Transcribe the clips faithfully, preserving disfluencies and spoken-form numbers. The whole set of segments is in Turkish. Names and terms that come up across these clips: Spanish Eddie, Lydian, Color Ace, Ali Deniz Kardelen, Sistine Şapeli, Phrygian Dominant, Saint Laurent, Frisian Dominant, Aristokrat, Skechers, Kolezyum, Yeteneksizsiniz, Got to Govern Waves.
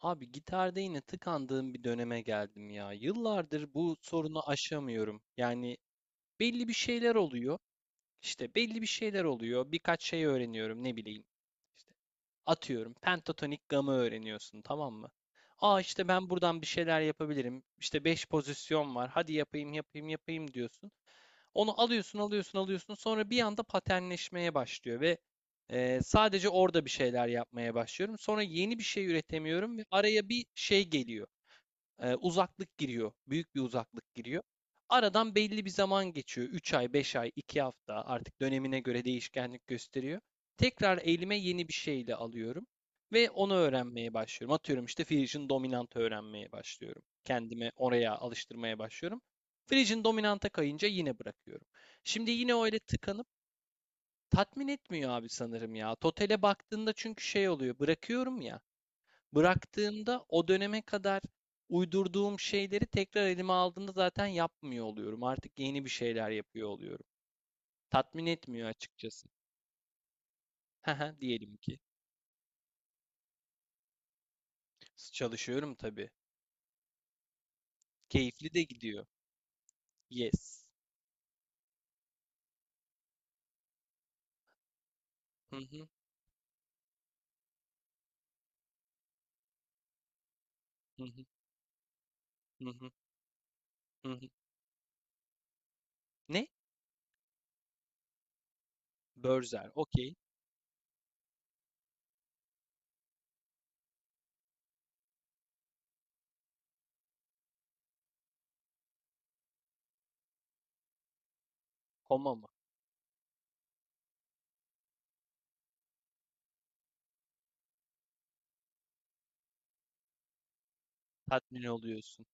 Abi gitarda yine tıkandığım bir döneme geldim ya. Yıllardır bu sorunu aşamıyorum. Yani belli bir şeyler oluyor. İşte belli bir şeyler oluyor. Birkaç şey öğreniyorum ne bileyim. İşte atıyorum pentatonik gamı öğreniyorsun tamam mı? Aa işte ben buradan bir şeyler yapabilirim. İşte beş pozisyon var. Hadi yapayım yapayım yapayım diyorsun. Onu alıyorsun, alıyorsun, alıyorsun. Sonra bir anda paternleşmeye başlıyor ve e, sadece orada bir şeyler yapmaya başlıyorum. Sonra yeni bir şey üretemiyorum ve araya bir şey geliyor e, uzaklık giriyor. Büyük bir uzaklık giriyor. Aradan belli bir zaman geçiyor. Üç ay, beş ay, iki hafta artık dönemine göre değişkenlik gösteriyor. Tekrar elime yeni bir şeyle alıyorum ve onu öğrenmeye başlıyorum. Atıyorum işte Frisian dominant öğrenmeye başlıyorum. Kendimi oraya alıştırmaya başlıyorum. Frisian dominanta kayınca yine bırakıyorum. Şimdi yine öyle tıkanıp tatmin etmiyor abi sanırım ya. Totale baktığında çünkü şey oluyor. Bırakıyorum ya. Bıraktığımda o döneme kadar uydurduğum şeyleri tekrar elime aldığımda zaten yapmıyor oluyorum. Artık yeni bir şeyler yapıyor oluyorum. Tatmin etmiyor açıkçası. Haha, diyelim ki çalışıyorum tabii. Keyifli de gidiyor. Yes. Hı hı, hı hı, hı hı, hı hı. Ne? Börzer. Okey. Koma mı? Tatmin oluyorsun.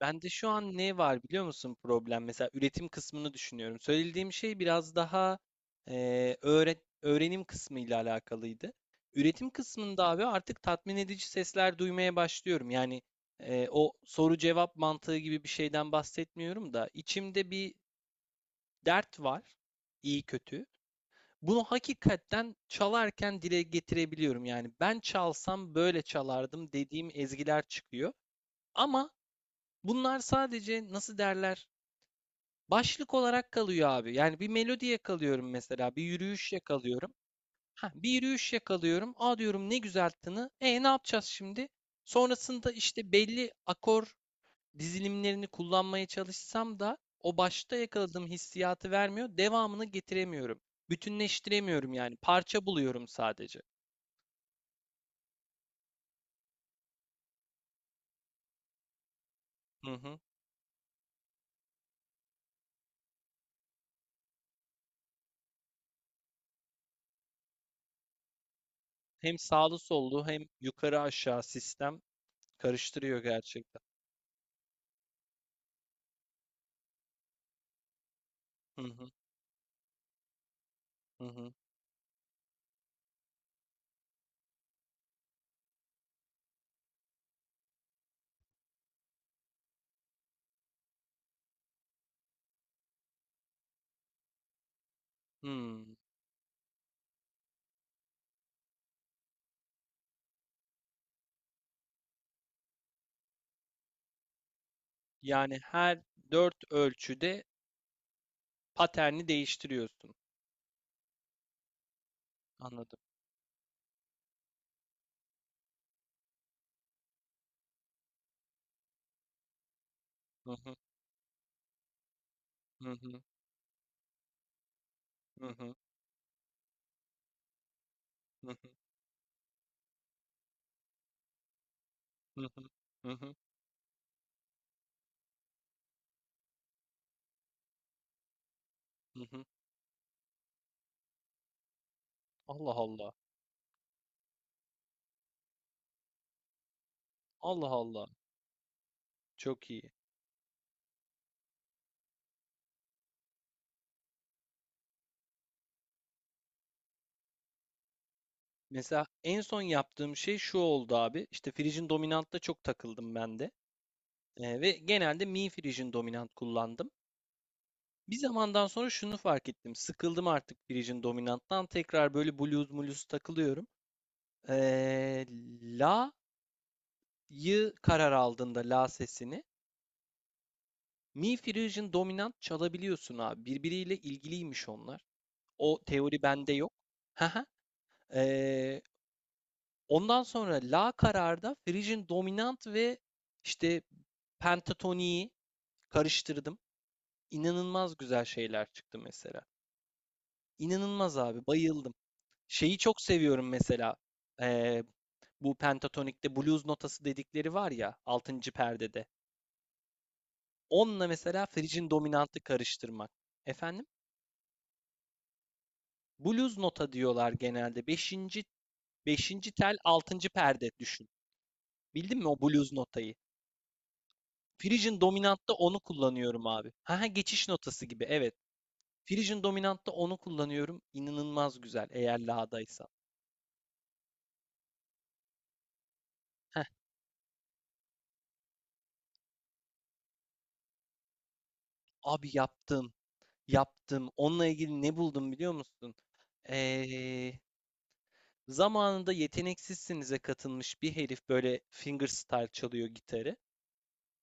Bende şu an ne var biliyor musun problem? Mesela üretim kısmını düşünüyorum. Söylediğim şey biraz daha eee, öğre- öğrenim kısmı ile alakalıydı. Üretim kısmında abi artık tatmin edici sesler duymaya başlıyorum. Yani eee, o soru cevap mantığı gibi bir şeyden bahsetmiyorum da içimde bir dert var, iyi kötü. Bunu hakikaten çalarken dile getirebiliyorum. Yani ben çalsam böyle çalardım dediğim ezgiler çıkıyor. Ama bunlar sadece nasıl derler? Başlık olarak kalıyor abi. Yani bir melodi yakalıyorum mesela. Bir yürüyüş yakalıyorum. Ha, bir yürüyüş yakalıyorum. Aa diyorum ne güzel tını. E ne yapacağız şimdi? Sonrasında işte belli akor dizilimlerini kullanmaya çalışsam da o başta yakaladığım hissiyatı vermiyor. Devamını getiremiyorum. Bütünleştiremiyorum yani. Parça buluyorum sadece. Hı hı. Hem sağlı sollu hem yukarı aşağı sistem karıştırıyor gerçekten. Hı hı hı hı. Hmm. Yani her dört ölçüde paterni değiştiriyorsun. Anladım. Hı hı. Hı hı. Hı hı. Hı hı. Hı hı. Hı hı. Hı hı. Allah Allah. Allah Allah. Çok iyi. Mesela en son yaptığım şey şu oldu abi. İşte Frisian Dominant'ta çok takıldım ben de. Ee, ve genelde Mi Frisian Dominant kullandım. Bir zamandan sonra şunu fark ettim. Sıkıldım artık Frisian Dominant'tan. Tekrar böyle blues mulus takılıyorum. Ee, la'yı karar aldığında la sesini Mi Frisian Dominant çalabiliyorsun abi. Birbiriyle ilgiliymiş onlar. O teori bende yok. Haha. Ee, ondan sonra La kararda Frisian Dominant ve işte pentatoniyi karıştırdım. İnanılmaz güzel şeyler çıktı mesela. İnanılmaz abi, bayıldım. Şeyi çok seviyorum mesela. Ee, bu pentatonikte blues notası dedikleri var ya altıncı perdede. Onunla mesela Frisian Dominant'ı karıştırmak. Efendim? Blues nota diyorlar genelde. Beşinci, beşinci tel, altıncı perde düşün. Bildin mi o blues notayı? Phrygian dominantta onu kullanıyorum abi. Ha ha, geçiş notası gibi evet. Phrygian dominantta onu kullanıyorum. İnanılmaz güzel eğer la'daysa. Heh, abi yaptım. Yaptım. Onunla ilgili ne buldum biliyor musun? Ee, zamanında Yeteneksizsiniz'e katılmış bir herif böyle fingerstyle çalıyor gitarı.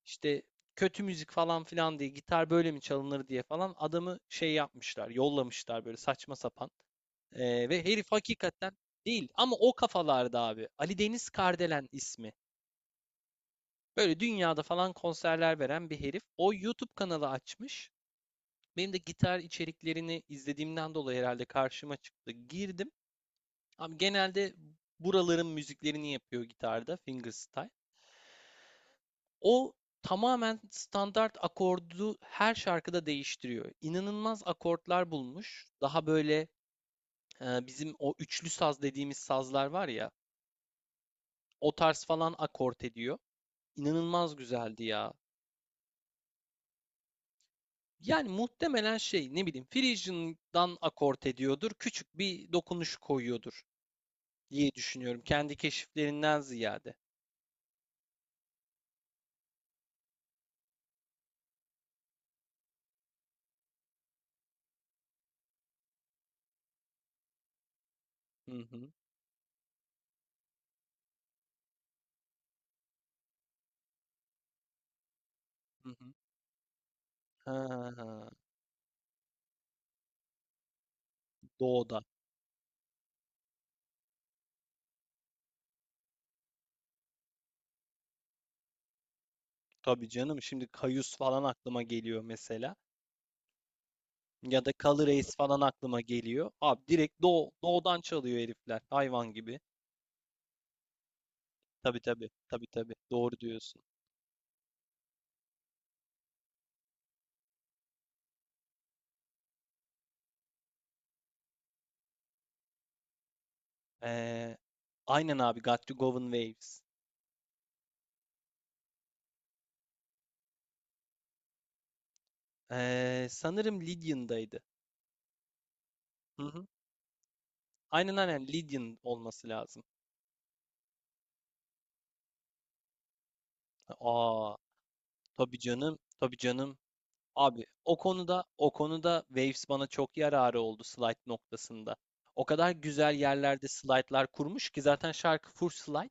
İşte kötü müzik falan filan diye gitar böyle mi çalınır diye falan adamı şey yapmışlar, yollamışlar böyle saçma sapan. Ee, ve herif hakikaten değil ama o kafalarda abi. Ali Deniz Kardelen ismi. Böyle dünyada falan konserler veren bir herif. O YouTube kanalı açmış. Benim de gitar içeriklerini izlediğimden dolayı herhalde karşıma çıktı. Girdim. Abi genelde buraların müziklerini yapıyor gitarda, fingerstyle. O tamamen standart akordu her şarkıda değiştiriyor. İnanılmaz akortlar bulmuş. Daha böyle e, bizim o üçlü saz dediğimiz sazlar var ya, o tarz falan akort ediyor. İnanılmaz güzeldi ya. Yani muhtemelen şey ne bileyim Frisian'dan akort ediyordur. Küçük bir dokunuş koyuyordur diye düşünüyorum. Kendi keşiflerinden ziyade. Hı hı. Hı hı. Ha, doğuda. Tabii canım. Şimdi Kayus falan aklıma geliyor mesela. Ya da Color Ace falan aklıma geliyor. Abi direkt Doğu, Doğu'dan çalıyor herifler. Hayvan gibi. Tabii tabii. Tabii tabii. Doğru diyorsun. Ee, aynen abi. Got to Govern Waves. Ee, sanırım Lydian'daydı. Hı hı. Aynen aynen Lydian olması lazım. Aa, tabii canım. Tabii canım. Abi o konuda o konuda Waves bana çok yararı oldu slide noktasında. O kadar güzel yerlerde slaytlar kurmuş ki zaten şarkı full slide.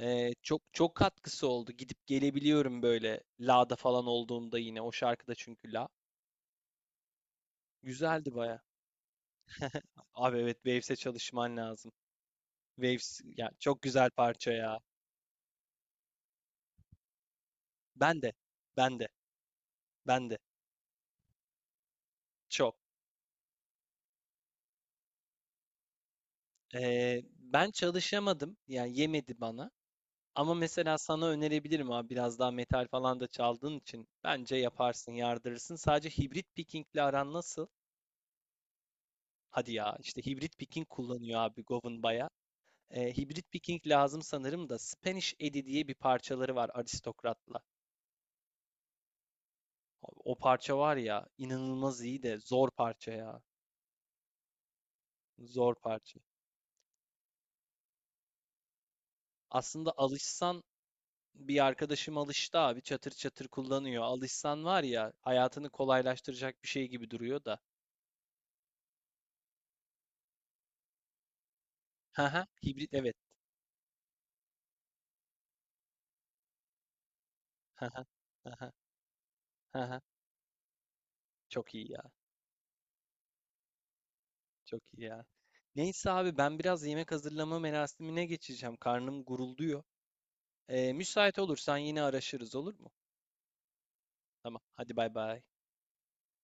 Ee, çok çok katkısı oldu. Gidip gelebiliyorum böyle La'da falan olduğumda yine o şarkıda çünkü La. Güzeldi baya. Abi evet Waves'e çalışman lazım. Waves ya çok güzel parça ya. Ben de ben de ben de çok. Ee, ben çalışamadım yani yemedi bana. Ama mesela sana önerebilirim abi biraz daha metal falan da çaldığın için bence yaparsın, yardırırsın. Sadece hibrit pickingle aran nasıl? Hadi ya işte hibrit picking kullanıyor abi Gov'un baya. Eee, Hybrid Viking lazım sanırım da Spanish Eddie diye bir parçaları var Aristokrat'la. O parça var ya inanılmaz iyi de zor parça ya. Zor parça. Aslında alışsan bir arkadaşım alıştı abi çatır çatır kullanıyor. Alışsan var ya hayatını kolaylaştıracak bir şey gibi duruyor da. Haha hibrit evet. Haha haha haha çok iyi ya çok iyi ya. Neyse abi ben biraz yemek hazırlama merasimine geçeceğim. Karnım gurulduyor. Ee, müsait olursan yine araşırız olur mu? Tamam, hadi bay bay.